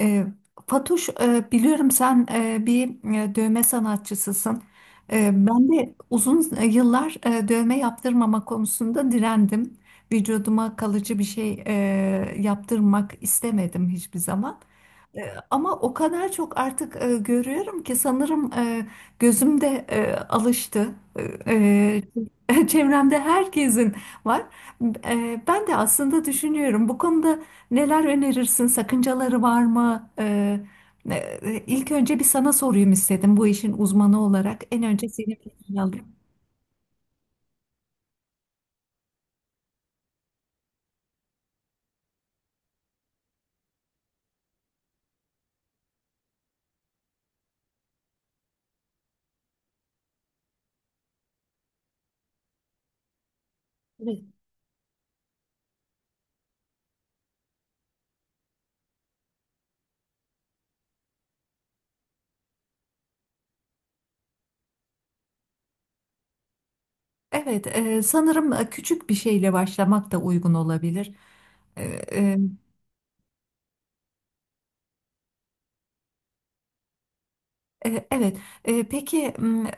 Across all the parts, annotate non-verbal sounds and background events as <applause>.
E, Fatoş, biliyorum sen bir dövme sanatçısısın. Ben de uzun yıllar dövme yaptırmama konusunda direndim. Vücuduma kalıcı bir şey yaptırmak istemedim hiçbir zaman. Ama o kadar çok artık görüyorum ki sanırım gözüm de alıştı. <laughs> Çevremde herkesin var. Ben de aslında düşünüyorum, bu konuda neler önerirsin? Sakıncaları var mı? İlk önce bir sana sorayım istedim, bu işin uzmanı olarak. En önce senin fikrini alayım. Evet, sanırım küçük bir şeyle başlamak da uygun olabilir. E, Evet. E, Peki m,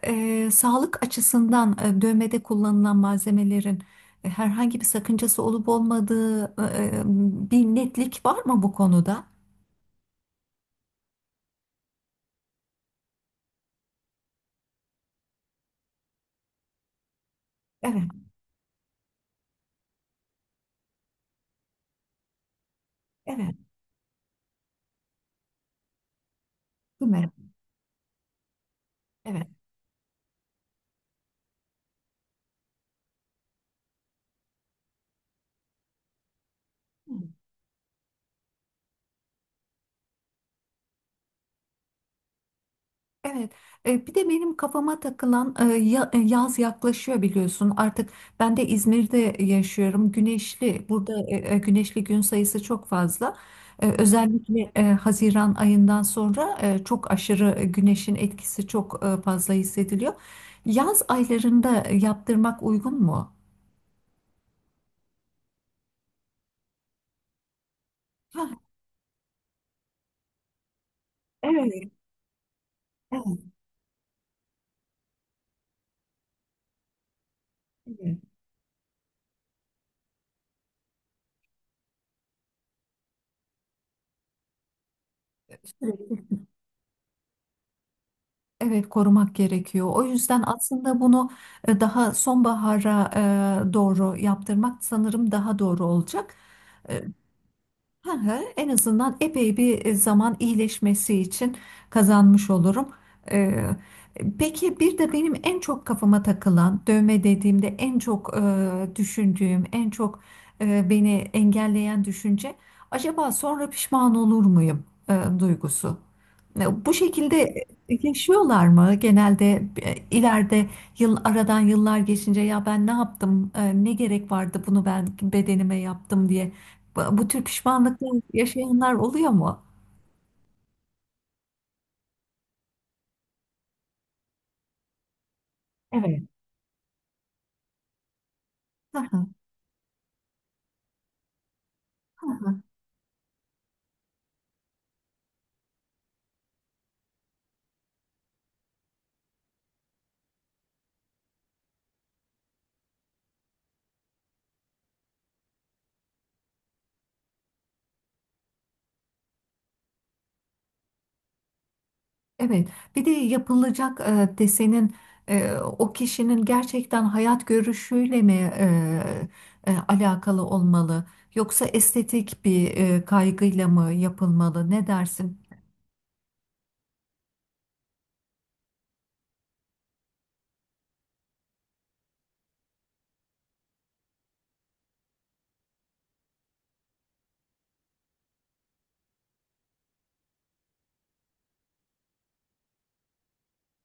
e, sağlık açısından dövmede kullanılan malzemelerin herhangi bir sakıncası olup olmadığı, bir netlik var mı bu konuda? Evet, evet, değil mi? Evet. Evet, bir de benim kafama takılan, yaz yaklaşıyor biliyorsun. Artık ben de İzmir'de yaşıyorum. Güneşli, burada güneşli gün sayısı çok fazla. Özellikle Haziran ayından sonra çok aşırı güneşin etkisi çok fazla hissediliyor. Yaz aylarında yaptırmak uygun mu? Ha, evet, evet, evet. Evet, korumak gerekiyor. O yüzden aslında bunu daha sonbahara doğru yaptırmak sanırım daha doğru olacak. E, hı hı, en azından epey bir zaman iyileşmesi için kazanmış olurum. E, Peki, bir de benim en çok kafama takılan, dövme dediğimde en çok düşündüğüm, en çok beni engelleyen düşünce, acaba sonra pişman olur muyum duygusu. Bu şekilde yaşıyorlar mı? Genelde ileride, yıl aradan yıllar geçince, ya ben ne yaptım? Ne gerek vardı bunu ben bedenime yaptım diye. Bu tür pişmanlıklar yaşayanlar oluyor mu? Evet. Hı hı, hı. Evet. Bir de yapılacak desenin e, o kişinin gerçekten hayat görüşüyle mi alakalı olmalı? Yoksa estetik bir kaygıyla mı yapılmalı? Ne dersin?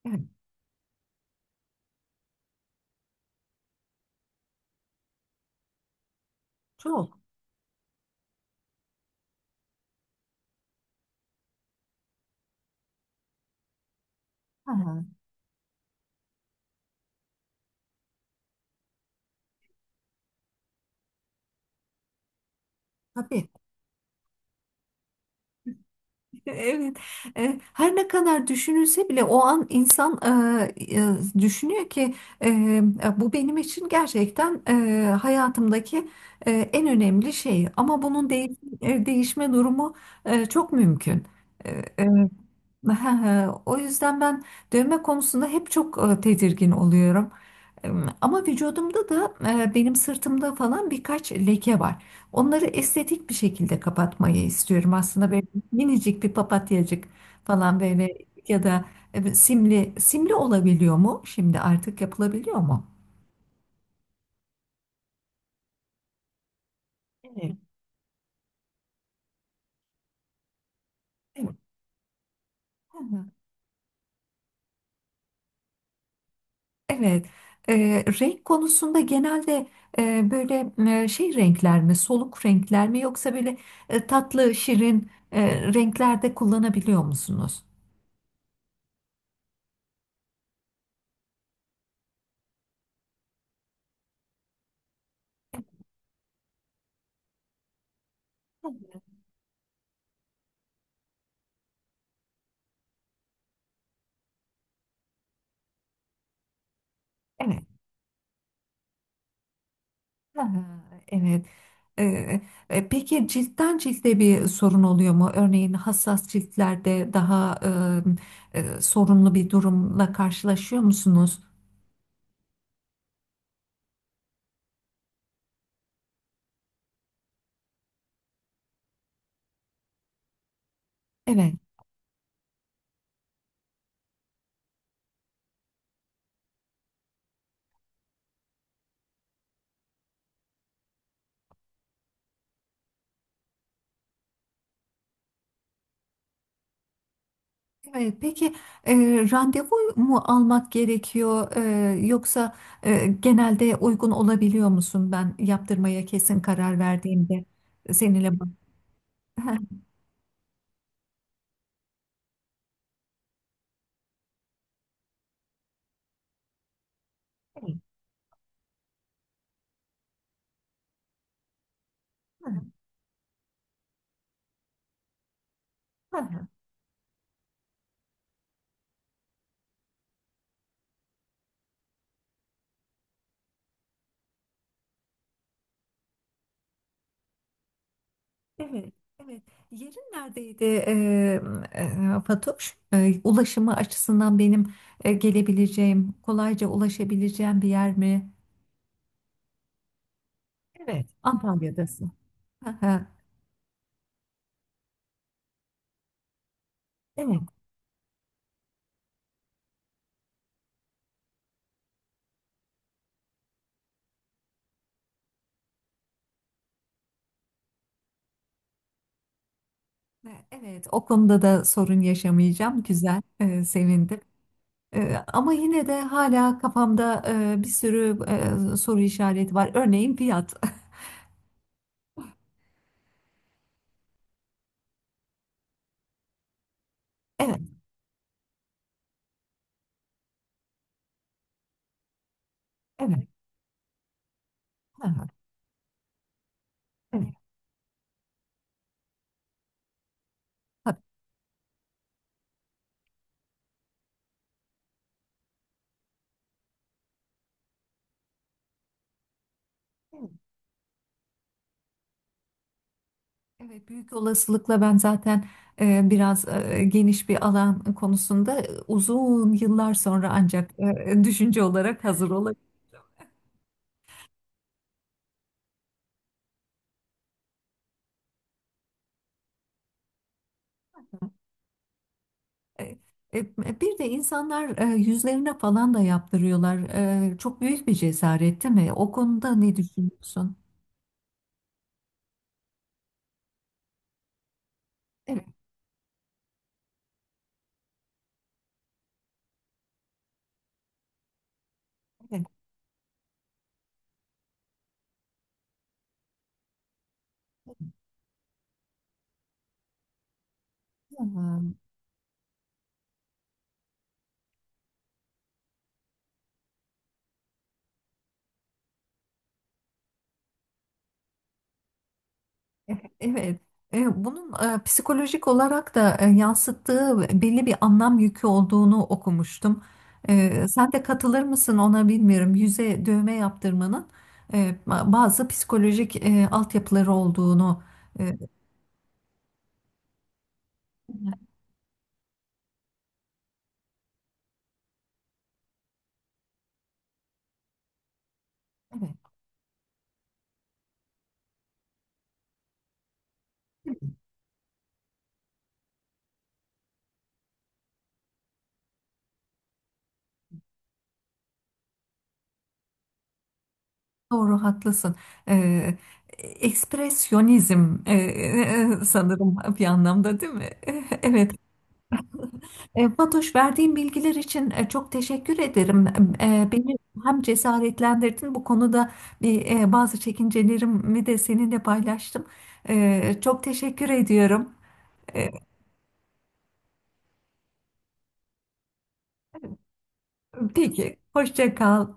Evet, çok. Hı hı, tabii. Evet. Her ne kadar düşünülse bile, o an insan e, e, düşünüyor ki bu benim için gerçekten hayatımdaki en önemli şey. Ama bunun değişme durumu çok mümkün. E, e, <laughs> O yüzden ben dövme konusunda hep çok tedirgin oluyorum. E, Ama vücudumda da, benim sırtımda falan birkaç leke var. Onları estetik bir şekilde kapatmayı istiyorum aslında. Minicik bir papatyacık falan, böyle ya da simli simli olabiliyor mu? Şimdi artık yapılabiliyor mu? Evet. Evet. Hı hı. Evet. Renk konusunda genelde böyle renkler mi, soluk renkler mi, yoksa böyle tatlı, şirin renkler kullanabiliyor musunuz? Evet. Aha, evet. Ee, peki, ciltten cilde bir sorun oluyor mu? Örneğin hassas ciltlerde daha sorunlu bir durumla karşılaşıyor musunuz? Evet. Evet. Peki, e, randevu mu almak gerekiyor, yoksa genelde uygun olabiliyor musun? Ben yaptırmaya kesin karar verdiğimde seninle. <laughs> bu- Evet, evet. Yerin neredeydi, Fatoş? Ulaşımı açısından benim gelebileceğim, kolayca ulaşabileceğim bir yer mi? Evet. Antalya'dasın. Hı hı. Evet. Evet, o konuda da sorun yaşamayacağım. Güzel, sevindim. Ama yine de hala kafamda bir sürü soru işareti var. Örneğin fiyat. <laughs> Evet. Evet. Hı hı. Evet, evet. Tabii. Evet, büyük olasılıkla ben zaten biraz geniş bir alan konusunda uzun yıllar sonra ancak düşünce olarak hazır olabilirim. E, Bir de insanlar yüzlerine falan da yaptırıyorlar. Çok büyük bir cesaret, değil mi? O konuda ne düşünüyorsun? Evet, evet. Evet, bunun psikolojik olarak da yansıttığı belli bir anlam yükü olduğunu okumuştum. Sen de katılır mısın ona bilmiyorum. Yüze dövme yaptırmanın bazı psikolojik altyapıları olduğunu. e, evet, doğru, haklısın. E, Ekspresyonizm, sanırım bir anlamda, değil mi? <laughs> Evet. Fatoş, verdiğin bilgiler için çok teşekkür ederim. Beni hem cesaretlendirdin bu konuda, bir, bazı çekincelerimi de seninle paylaştım. Çok teşekkür ediyorum. E, Peki, hoşça kal.